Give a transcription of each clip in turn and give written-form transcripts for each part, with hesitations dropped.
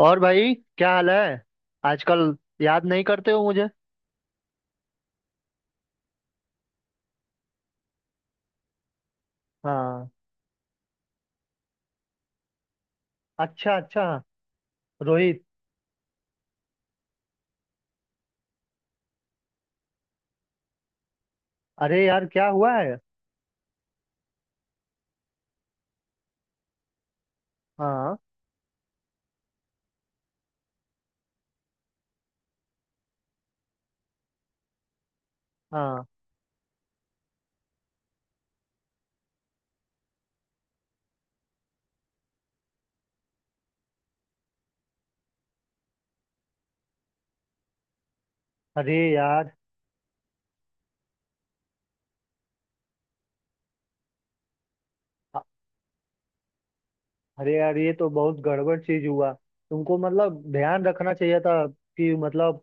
और भाई क्या हाल है आजकल? याद नहीं करते हो मुझे? हाँ। अच्छा अच्छा। रोहित। अरे यार क्या हुआ है? हाँ। हाँ। अरे यार। अ- अरे यार ये तो बहुत गड़बड़ चीज हुआ। तुमको मतलब ध्यान रखना चाहिए था कि मतलब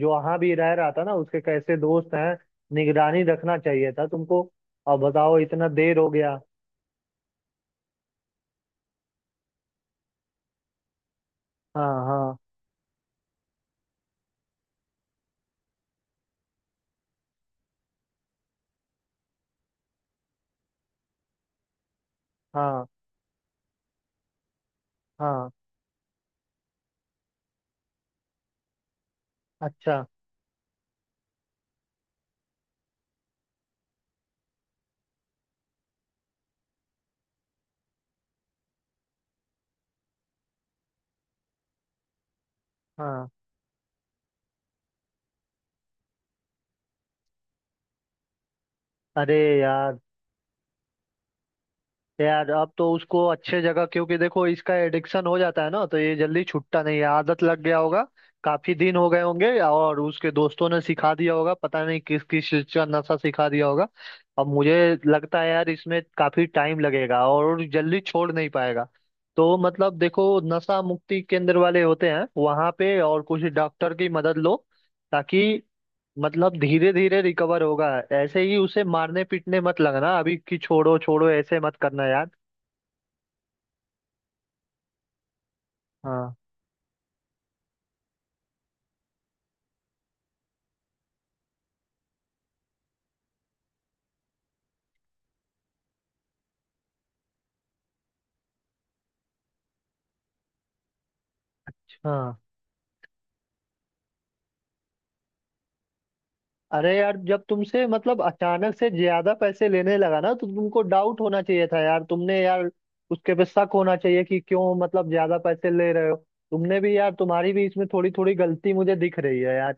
जो वहाँ भी रह रहा था ना, उसके कैसे दोस्त हैं। निगरानी रखना चाहिए था तुमको। अब बताओ इतना देर हो गया। हाँ हाँ। हाँ हाँ। अच्छा। हाँ। अरे यार। यार अब तो उसको अच्छे जगह, क्योंकि देखो इसका एडिक्शन हो जाता है ना तो ये जल्दी छूटता नहीं है। आदत लग गया होगा। काफी दिन हो गए होंगे और उसके दोस्तों ने सिखा दिया होगा, पता नहीं किस किस चीज का नशा सिखा दिया होगा। अब मुझे लगता है यार इसमें काफी टाइम लगेगा और जल्दी छोड़ नहीं पाएगा। तो मतलब देखो, नशा मुक्ति केंद्र वाले होते हैं वहां पे, और कुछ डॉक्टर की मदद लो ताकि मतलब धीरे धीरे रिकवर होगा। ऐसे ही उसे मारने पीटने मत लगना अभी कि छोड़ो छोड़ो ऐसे मत करना यार। हाँ हाँ। अरे यार जब तुमसे मतलब अचानक से ज्यादा पैसे लेने लगा ना तो तुमको डाउट होना चाहिए था यार, तुमने यार उसके पे शक होना चाहिए कि क्यों मतलब ज्यादा पैसे ले रहे हो। तुमने भी यार, तुम्हारी भी इसमें थोड़ी थोड़ी गलती मुझे दिख रही है यार।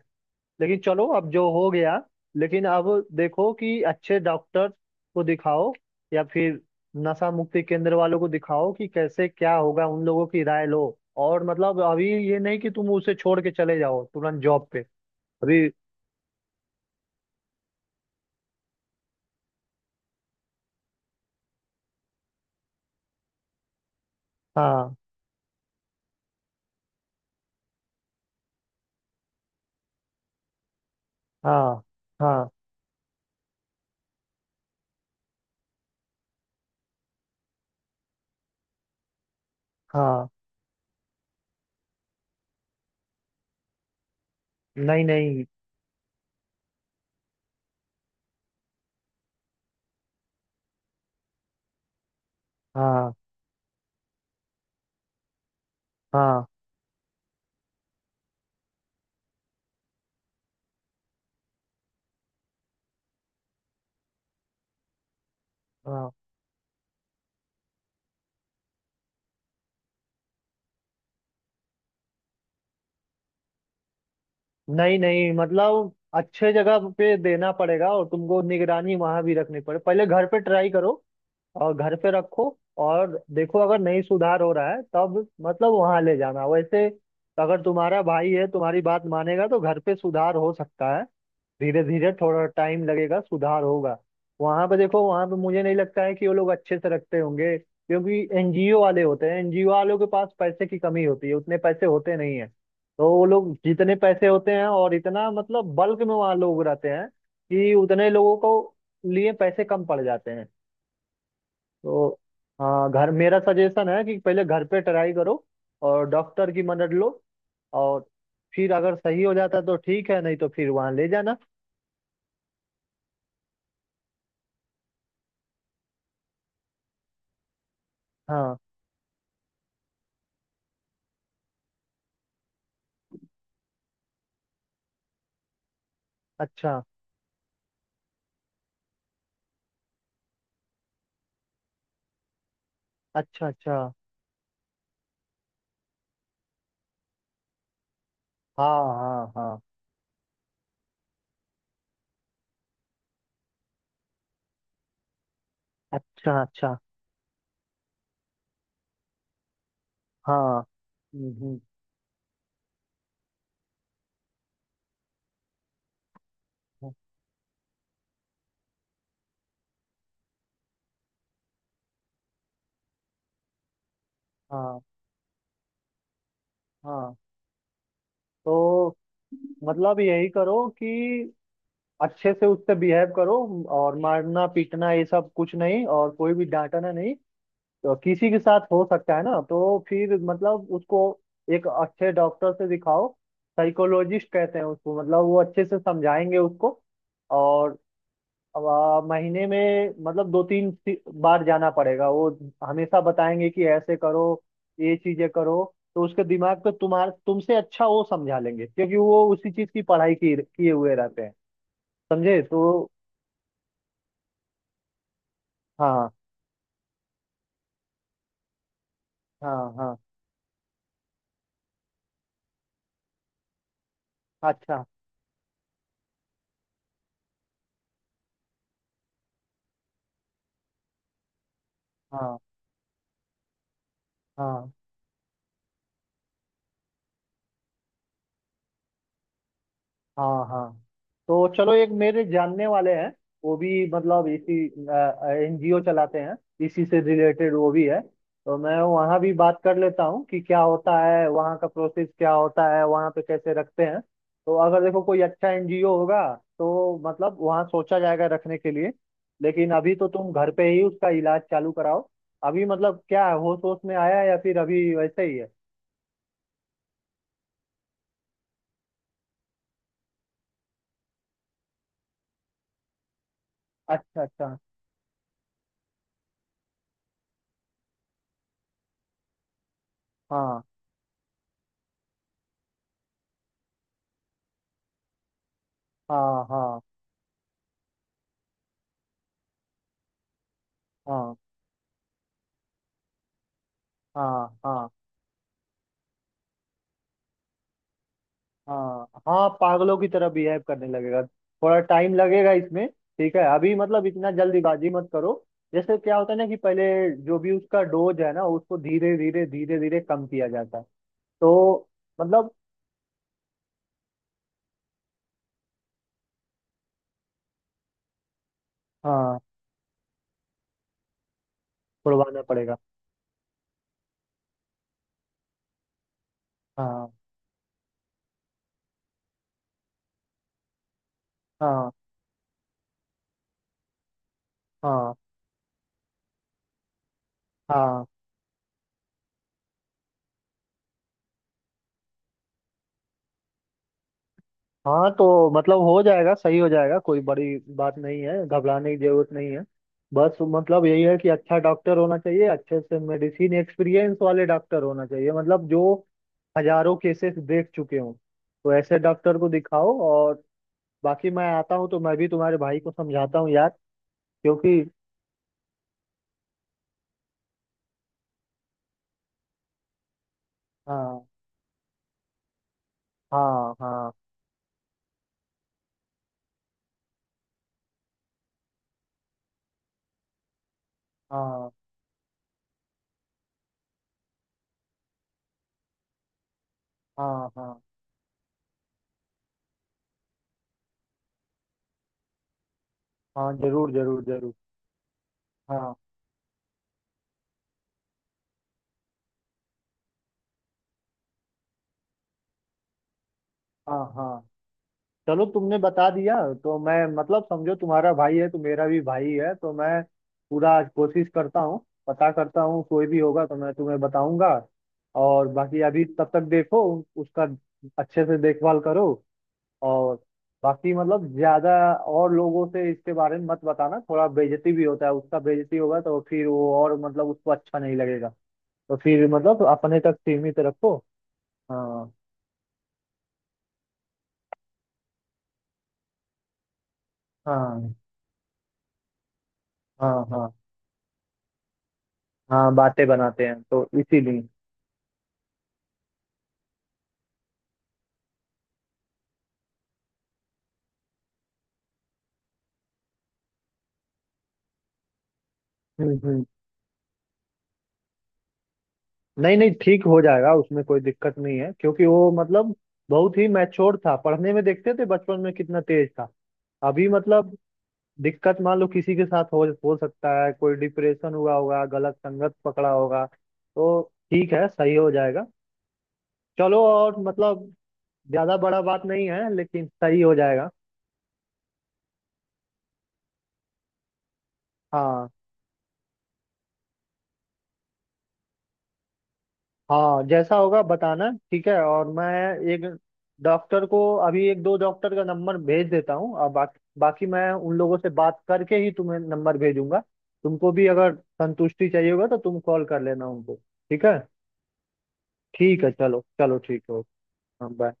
लेकिन चलो अब जो हो गया, लेकिन अब देखो कि अच्छे डॉक्टर को दिखाओ या फिर नशा मुक्ति केंद्र वालों को दिखाओ कि कैसे क्या होगा, उन लोगों की राय लो। और मतलब अभी ये नहीं कि तुम उसे छोड़ के चले जाओ तुरंत जॉब पे। अभी। हाँ हाँ। हाँ हाँ। नहीं नहीं। हाँ हाँ हाँ। नहीं नहीं, मतलब अच्छे जगह पे देना पड़ेगा और तुमको निगरानी वहां भी रखनी पड़े। पहले घर पे ट्राई करो और घर पे रखो। और देखो अगर नहीं सुधार हो रहा है तब मतलब वहां ले जाना। वैसे अगर तुम्हारा भाई है तुम्हारी बात मानेगा तो घर पे सुधार हो सकता है। धीरे धीरे थोड़ा टाइम लगेगा सुधार होगा। वहां पे देखो, वहां पे मुझे नहीं लगता है कि वो लोग अच्छे से रखते होंगे क्योंकि एनजीओ वाले होते हैं। एनजीओ वालों के पास पैसे की कमी होती है, उतने पैसे होते नहीं है। तो वो लोग जितने पैसे होते हैं और इतना मतलब बल्क में वहाँ लोग रहते हैं कि उतने लोगों को लिए पैसे कम पड़ जाते हैं। तो हाँ, घर मेरा सजेशन है कि पहले घर पे ट्राई करो और डॉक्टर की मदद लो। और फिर अगर सही हो जाता तो ठीक है नहीं तो फिर वहां ले जाना। हाँ। अच्छा अच्छा। अच्छा। हाँ हाँ हाँ। अच्छा अच्छा। हाँ। हम्म, हम्म, हम्म। हाँ हाँ। तो मतलब यही करो कि अच्छे से उससे बिहेव करो और मारना पीटना ये सब कुछ नहीं और कोई भी डांटना नहीं। तो किसी के साथ हो सकता है ना, तो फिर मतलब उसको एक अच्छे डॉक्टर से दिखाओ। साइकोलॉजिस्ट कहते हैं उसको, मतलब वो अच्छे से समझाएंगे उसको। और अब महीने में मतलब दो तीन बार जाना पड़ेगा। वो हमेशा बताएंगे कि ऐसे करो, ये चीजें करो। तो उसके दिमाग को तुम्हारे तुमसे अच्छा वो समझा लेंगे क्योंकि वो उसी चीज की पढ़ाई की किए हुए रहते हैं। समझे? तो हाँ हाँ हाँ। अच्छा। हाँ हाँ हाँ हाँ। तो चलो, एक मेरे जानने वाले हैं। वो भी मतलब इसी एनजीओ चलाते हैं, इसी से रिलेटेड वो भी है। तो मैं वहाँ भी बात कर लेता हूँ कि क्या होता है वहाँ का प्रोसेस, क्या होता है वहाँ पे कैसे रखते हैं। तो अगर देखो कोई अच्छा एनजीओ होगा तो मतलब वहाँ सोचा जाएगा रखने के लिए। लेकिन अभी तो तुम घर पे ही उसका इलाज चालू कराओ। अभी मतलब क्या है, होश होश में आया है या फिर अभी वैसे ही है? अच्छा अच्छा। हाँ हाँ हाँ। हाँ हाँ हाँ हाँ। हाँ, पागलों की तरह बिहेव करने लगेगा, थोड़ा टाइम लगेगा इसमें। ठीक है अभी मतलब इतना जल्दीबाजी मत करो। जैसे क्या होता है ना कि पहले जो भी उसका डोज है ना उसको धीरे धीरे धीरे धीरे कम किया जाता है। तो मतलब। हाँ। छुड़वाना पड़ेगा। हाँ हाँ। हाँ हाँ। हाँ। तो मतलब हो जाएगा, सही हो जाएगा, कोई बड़ी बात नहीं है, घबराने की जरूरत नहीं है। बस मतलब यही है कि अच्छा डॉक्टर होना चाहिए, अच्छे से मेडिसिन एक्सपीरियंस वाले डॉक्टर होना चाहिए, मतलब जो हजारों केसेस देख चुके हूँ। तो ऐसे डॉक्टर को दिखाओ। और बाकी मैं आता हूँ तो मैं भी तुम्हारे भाई को समझाता हूँ यार, क्योंकि। हाँ हाँ। हाँ हाँ। हाँ हाँ। हाँ जरूर जरूर जरूर। हाँ हाँ हाँ। चलो तुमने बता दिया, तो मैं मतलब समझो तुम्हारा भाई है तो मेरा भी भाई है। तो मैं पूरा कोशिश करता हूँ। पता करता हूँ कोई भी होगा तो मैं तुम्हें बताऊंगा। और बाकी अभी तब तक देखो उसका अच्छे से देखभाल करो। और बाकी मतलब ज्यादा और लोगों से इसके बारे में मत बताना। थोड़ा बेइज्जती भी होता है उसका, बेइज्जती होगा तो फिर वो और मतलब उसको अच्छा नहीं लगेगा। तो फिर मतलब अपने तक सीमित रखो। हाँ। हाँ। हाँ। हाँ। हाँ बातें बनाते हैं, तो इसीलिए। हम्म। नहीं नहीं, ठीक हो जाएगा, उसमें कोई दिक्कत नहीं है क्योंकि वो मतलब बहुत ही मैच्योर था, पढ़ने में देखते थे बचपन में कितना तेज था। अभी मतलब दिक्कत मान लो किसी के साथ हो सकता है कोई डिप्रेशन हुआ होगा, गलत संगत पकड़ा होगा तो ठीक है, सही हो जाएगा। चलो, और मतलब ज्यादा बड़ा बात नहीं है, लेकिन सही हो जाएगा। हाँ हाँ। जैसा होगा बताना ठीक है। और मैं एक डॉक्टर को, अभी एक दो डॉक्टर का नंबर भेज देता हूँ और बाकी बाकी मैं उन लोगों से बात करके ही तुम्हें नंबर भेजूंगा। तुमको भी अगर संतुष्टि चाहिए होगा तो तुम कॉल कर लेना उनको। ठीक है ठीक है, चलो चलो, ठीक है ओके, हाँ बाय।